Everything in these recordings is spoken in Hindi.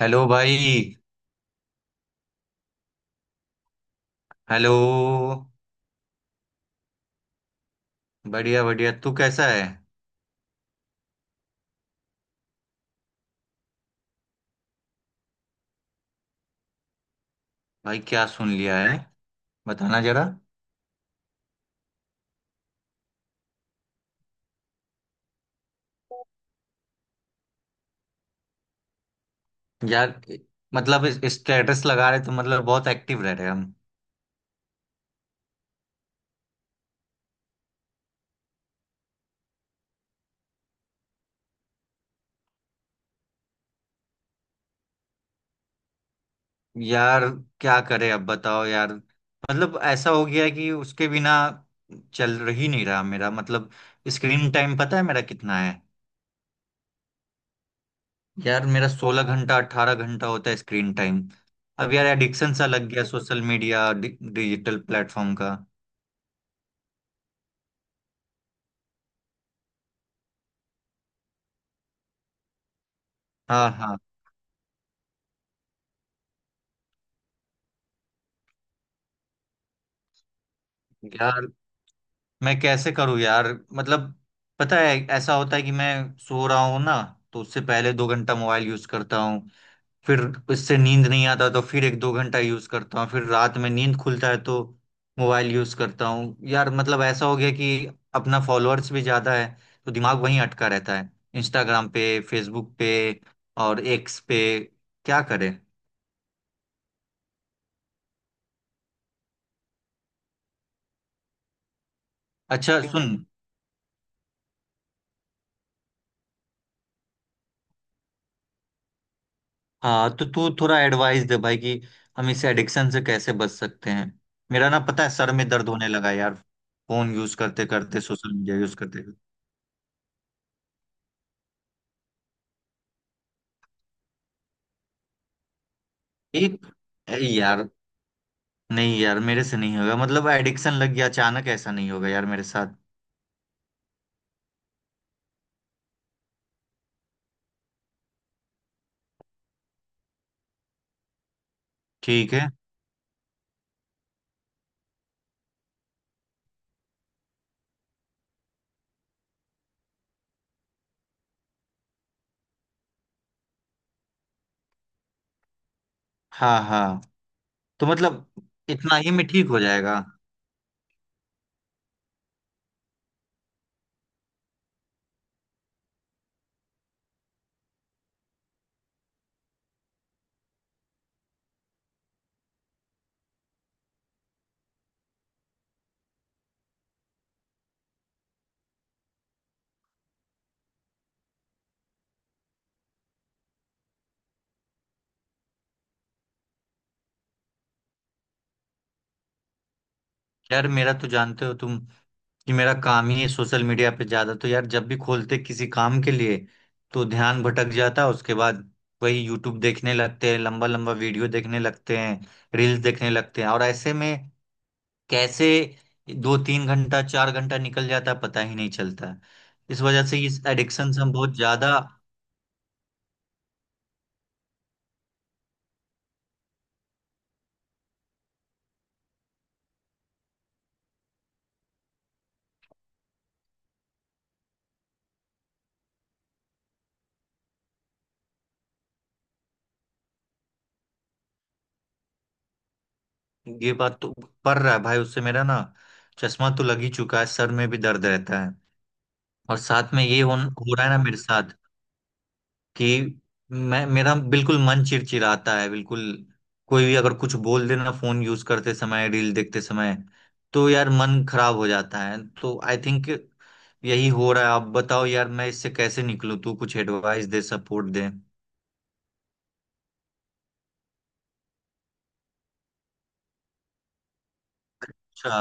हेलो भाई। हेलो। बढ़िया बढ़िया, तू कैसा है? भाई क्या सुन लिया है, बताना जरा। यार मतलब स्टेटस लगा रहे तो मतलब बहुत एक्टिव रह रहे हम। यार क्या करें, अब बताओ यार। मतलब ऐसा हो गया है कि उसके बिना चल ही नहीं रहा मेरा, मतलब स्क्रीन टाइम पता है मेरा कितना है? यार मेरा 16 घंटा 18 घंटा होता है स्क्रीन टाइम। अब यार एडिक्शन सा लग गया सोशल मीडिया डिजिटल प्लेटफॉर्म का। हाँ हाँ। यार मैं कैसे करूँ यार? मतलब, पता है ऐसा होता है कि मैं सो रहा हूँ ना, तो उससे पहले 2 घंटा मोबाइल यूज करता हूँ। फिर उससे नींद नहीं आता तो फिर 1-2 घंटा यूज करता हूँ। फिर रात में नींद खुलता है तो मोबाइल यूज करता हूँ यार। मतलब ऐसा हो गया कि अपना फॉलोअर्स भी ज्यादा है, तो दिमाग वहीं अटका रहता है, इंस्टाग्राम पे, फेसबुक पे और एक्स पे। क्या करें? अच्छा सुन, हाँ तो तू थोड़ा एडवाइस दे भाई कि हम इस एडिक्शन से कैसे बच सकते हैं? मेरा ना, पता है, सर में दर्द होने लगा यार, फोन यूज करते करते, सोशल मीडिया यूज करते करते। एक ए यार, नहीं यार, मेरे से नहीं होगा। मतलब एडिक्शन लग गया, अचानक ऐसा नहीं होगा यार मेरे साथ। ठीक है। हाँ हाँ, तो मतलब इतना ही में ठीक हो जाएगा? यार मेरा तो जानते हो तुम कि मेरा काम ही है सोशल मीडिया पे ज्यादा, तो यार जब भी खोलते किसी काम के लिए, तो ध्यान भटक जाता है। उसके बाद वही यूट्यूब देखने लगते हैं, लंबा लंबा वीडियो देखने लगते हैं, रील्स देखने लगते हैं। और ऐसे में कैसे 2-3 घंटा 4 घंटा निकल जाता है पता ही नहीं चलता है। इस वजह से इस एडिक्शन से हम बहुत ज्यादा, ये बात तो, पड़ रहा है भाई, उससे मेरा ना चश्मा तो लग ही चुका है, सर में भी दर्द रहता है। और साथ में ये हो रहा है ना मेरे साथ कि मैं, मेरा बिल्कुल मन चिड़चिड़ाता है, बिल्कुल। कोई भी अगर कुछ बोल देना फोन यूज करते समय, रील देखते समय, तो यार मन खराब हो जाता है। तो आई थिंक यही हो रहा है। आप बताओ यार, मैं इससे कैसे निकलूं? तू कुछ एडवाइस दे, सपोर्ट दे। अच्छा।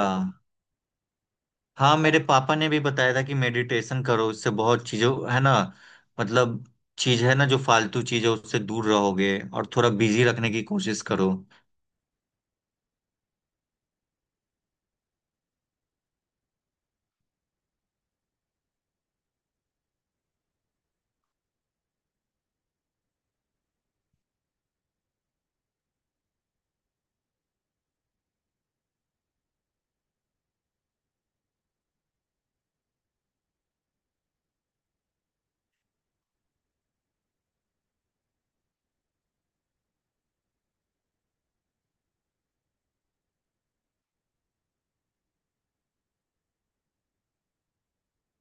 हाँ, मेरे पापा ने भी बताया था कि मेडिटेशन करो, उससे बहुत चीजों है ना, मतलब चीज है ना, जो फालतू चीज है उससे दूर रहोगे और थोड़ा बिजी रखने की कोशिश करो।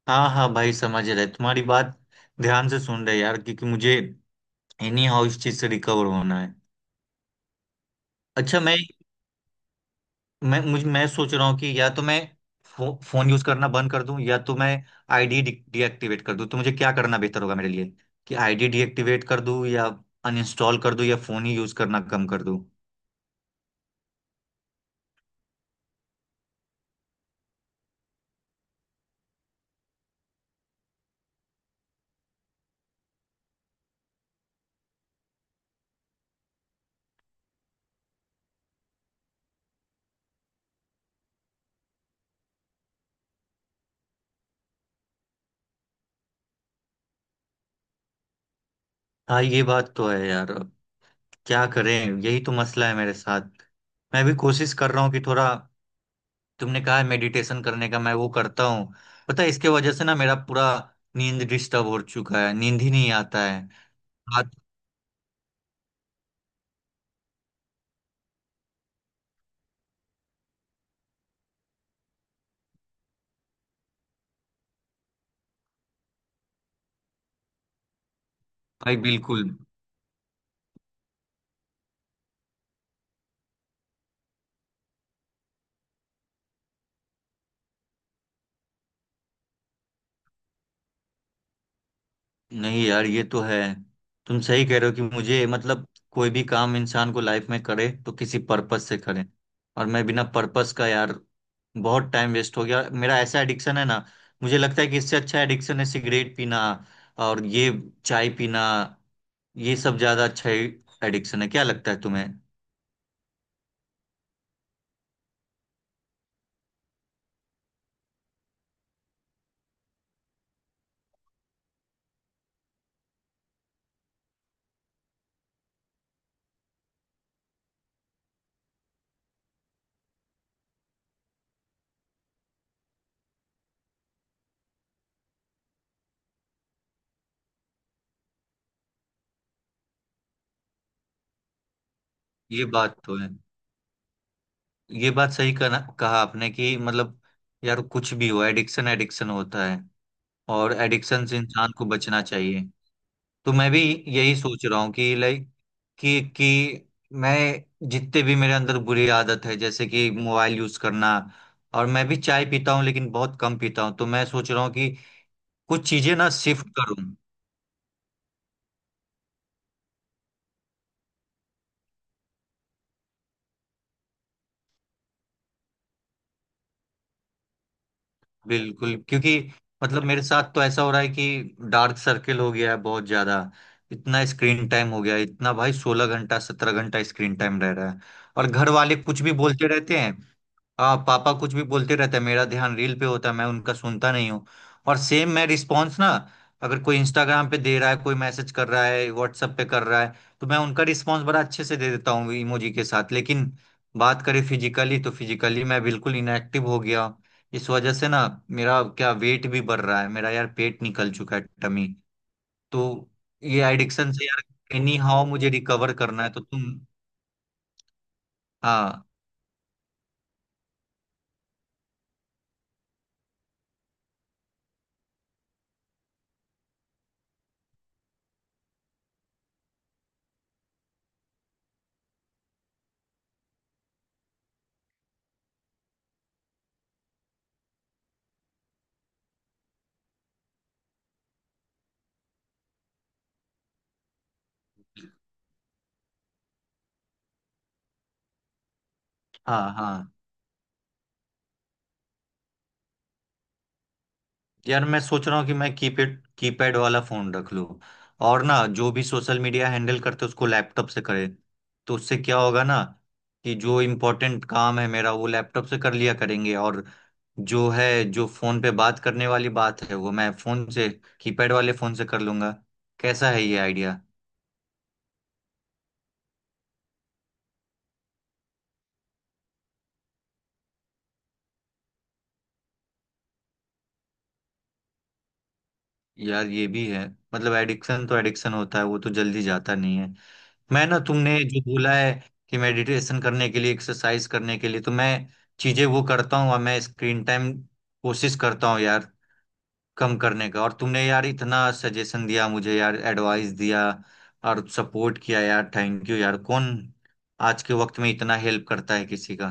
हाँ हाँ भाई, समझ रहे तुम्हारी बात, ध्यान से सुन रहे यार, क्योंकि मुझे एनी हाउ इस चीज से रिकवर होना है। अच्छा, मैं सोच रहा हूँ कि या तो मैं फोन यूज करना बंद कर दूं, या तो मैं आईडी डीएक्टिवेट कर दूं। तो मुझे क्या करना बेहतर होगा मेरे लिए, कि आईडी डीएक्टिवेट कर दूं, या अनइंस्टॉल कर दूं, या फोन ही यूज करना कम कर दूं? हाँ, ये बात तो है यार। अब क्या करें? यही तो मसला है मेरे साथ। मैं भी कोशिश कर रहा हूँ कि थोड़ा, तुमने कहा है मेडिटेशन करने का, मैं वो करता हूँ। पता है, इसके वजह से ना मेरा पूरा नींद डिस्टर्ब हो चुका है, नींद ही नहीं आता है रात। भाई बिल्कुल, नहीं यार ये तो है, तुम सही कह रहे हो कि मुझे, मतलब कोई भी काम इंसान को लाइफ में करे तो किसी पर्पस से करे। और मैं बिना पर्पस का यार बहुत टाइम वेस्ट हो गया मेरा, ऐसा एडिक्शन है ना। मुझे लगता है कि इससे अच्छा एडिक्शन है सिगरेट पीना, और ये चाय पीना, ये सब ज्यादा अच्छा एडिक्शन है, क्या लगता है तुम्हें? ये बात तो है, ये बात सही कहा कहा आपने कि मतलब यार कुछ भी हो, एडिक्शन एडिक्शन होता है, और एडिक्शन से इंसान को बचना चाहिए। तो मैं भी यही सोच रहा हूँ कि लाइक, कि मैं जितने भी मेरे अंदर बुरी आदत है, जैसे कि मोबाइल यूज करना, और मैं भी चाय पीता हूँ लेकिन बहुत कम पीता हूँ, तो मैं सोच रहा हूँ कि कुछ चीजें ना शिफ्ट करूँ। बिल्कुल, क्योंकि मतलब मेरे साथ तो ऐसा हो रहा है कि डार्क सर्किल हो गया है बहुत ज्यादा। इतना स्क्रीन टाइम हो गया है, इतना भाई, 16 घंटा 17 घंटा स्क्रीन टाइम रह रहा है, और घर वाले कुछ भी बोलते रहते हैं। हाँ, पापा कुछ भी बोलते रहते हैं, मेरा ध्यान रील पे होता है, मैं उनका सुनता नहीं हूँ। और सेम मैं रिस्पॉन्स ना, अगर कोई इंस्टाग्राम पे दे रहा है, कोई मैसेज कर रहा है व्हाट्सएप पे कर रहा है, तो मैं उनका रिस्पॉन्स बड़ा अच्छे से दे देता हूँ इमोजी के साथ। लेकिन बात करें फिजिकली, तो फिजिकली मैं बिल्कुल इनएक्टिव हो गया। इस वजह से ना मेरा क्या वेट भी बढ़ रहा है, मेरा यार पेट निकल चुका है, टमी। तो ये एडिक्शन से यार एनी हाउ मुझे रिकवर करना है, तो तुम। हाँ हाँ हाँ। यार मैं सोच रहा हूँ कि मैं कीपैड कीपैड वाला फोन रख लूँ, और ना जो भी सोशल मीडिया हैंडल करते उसको लैपटॉप से करे। तो उससे क्या होगा ना, कि जो इम्पोर्टेंट काम है मेरा वो लैपटॉप से कर लिया करेंगे, और जो है जो फोन पे बात करने वाली बात है वो मैं फोन से, कीपैड वाले फोन से कर लूंगा। कैसा है ये आइडिया? यार ये भी है, मतलब एडिक्शन तो एडिक्शन होता है, वो तो जल्दी जाता नहीं है। मैं ना, तुमने जो बोला है कि मेडिटेशन करने के लिए, एक्सरसाइज करने के लिए, तो मैं चीजें वो करता हूँ, और मैं स्क्रीन टाइम कोशिश करता हूँ यार कम करने का। और तुमने यार इतना सजेशन दिया मुझे यार, एडवाइस दिया और सपोर्ट किया यार, थैंक यू यार। कौन आज के वक्त में इतना हेल्प करता है किसी का?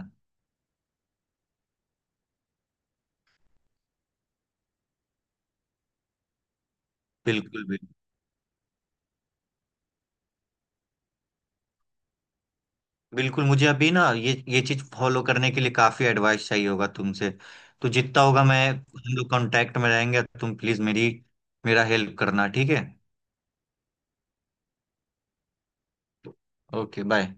बिल्कुल भी, बिल्कुल मुझे अभी ना ये चीज फॉलो करने के लिए काफी एडवाइस चाहिए होगा तुमसे, तो जितना होगा, मैं, हम लोग कांटेक्ट में रहेंगे, तुम प्लीज मेरी, मेरा हेल्प करना, ठीक है? Okay bye.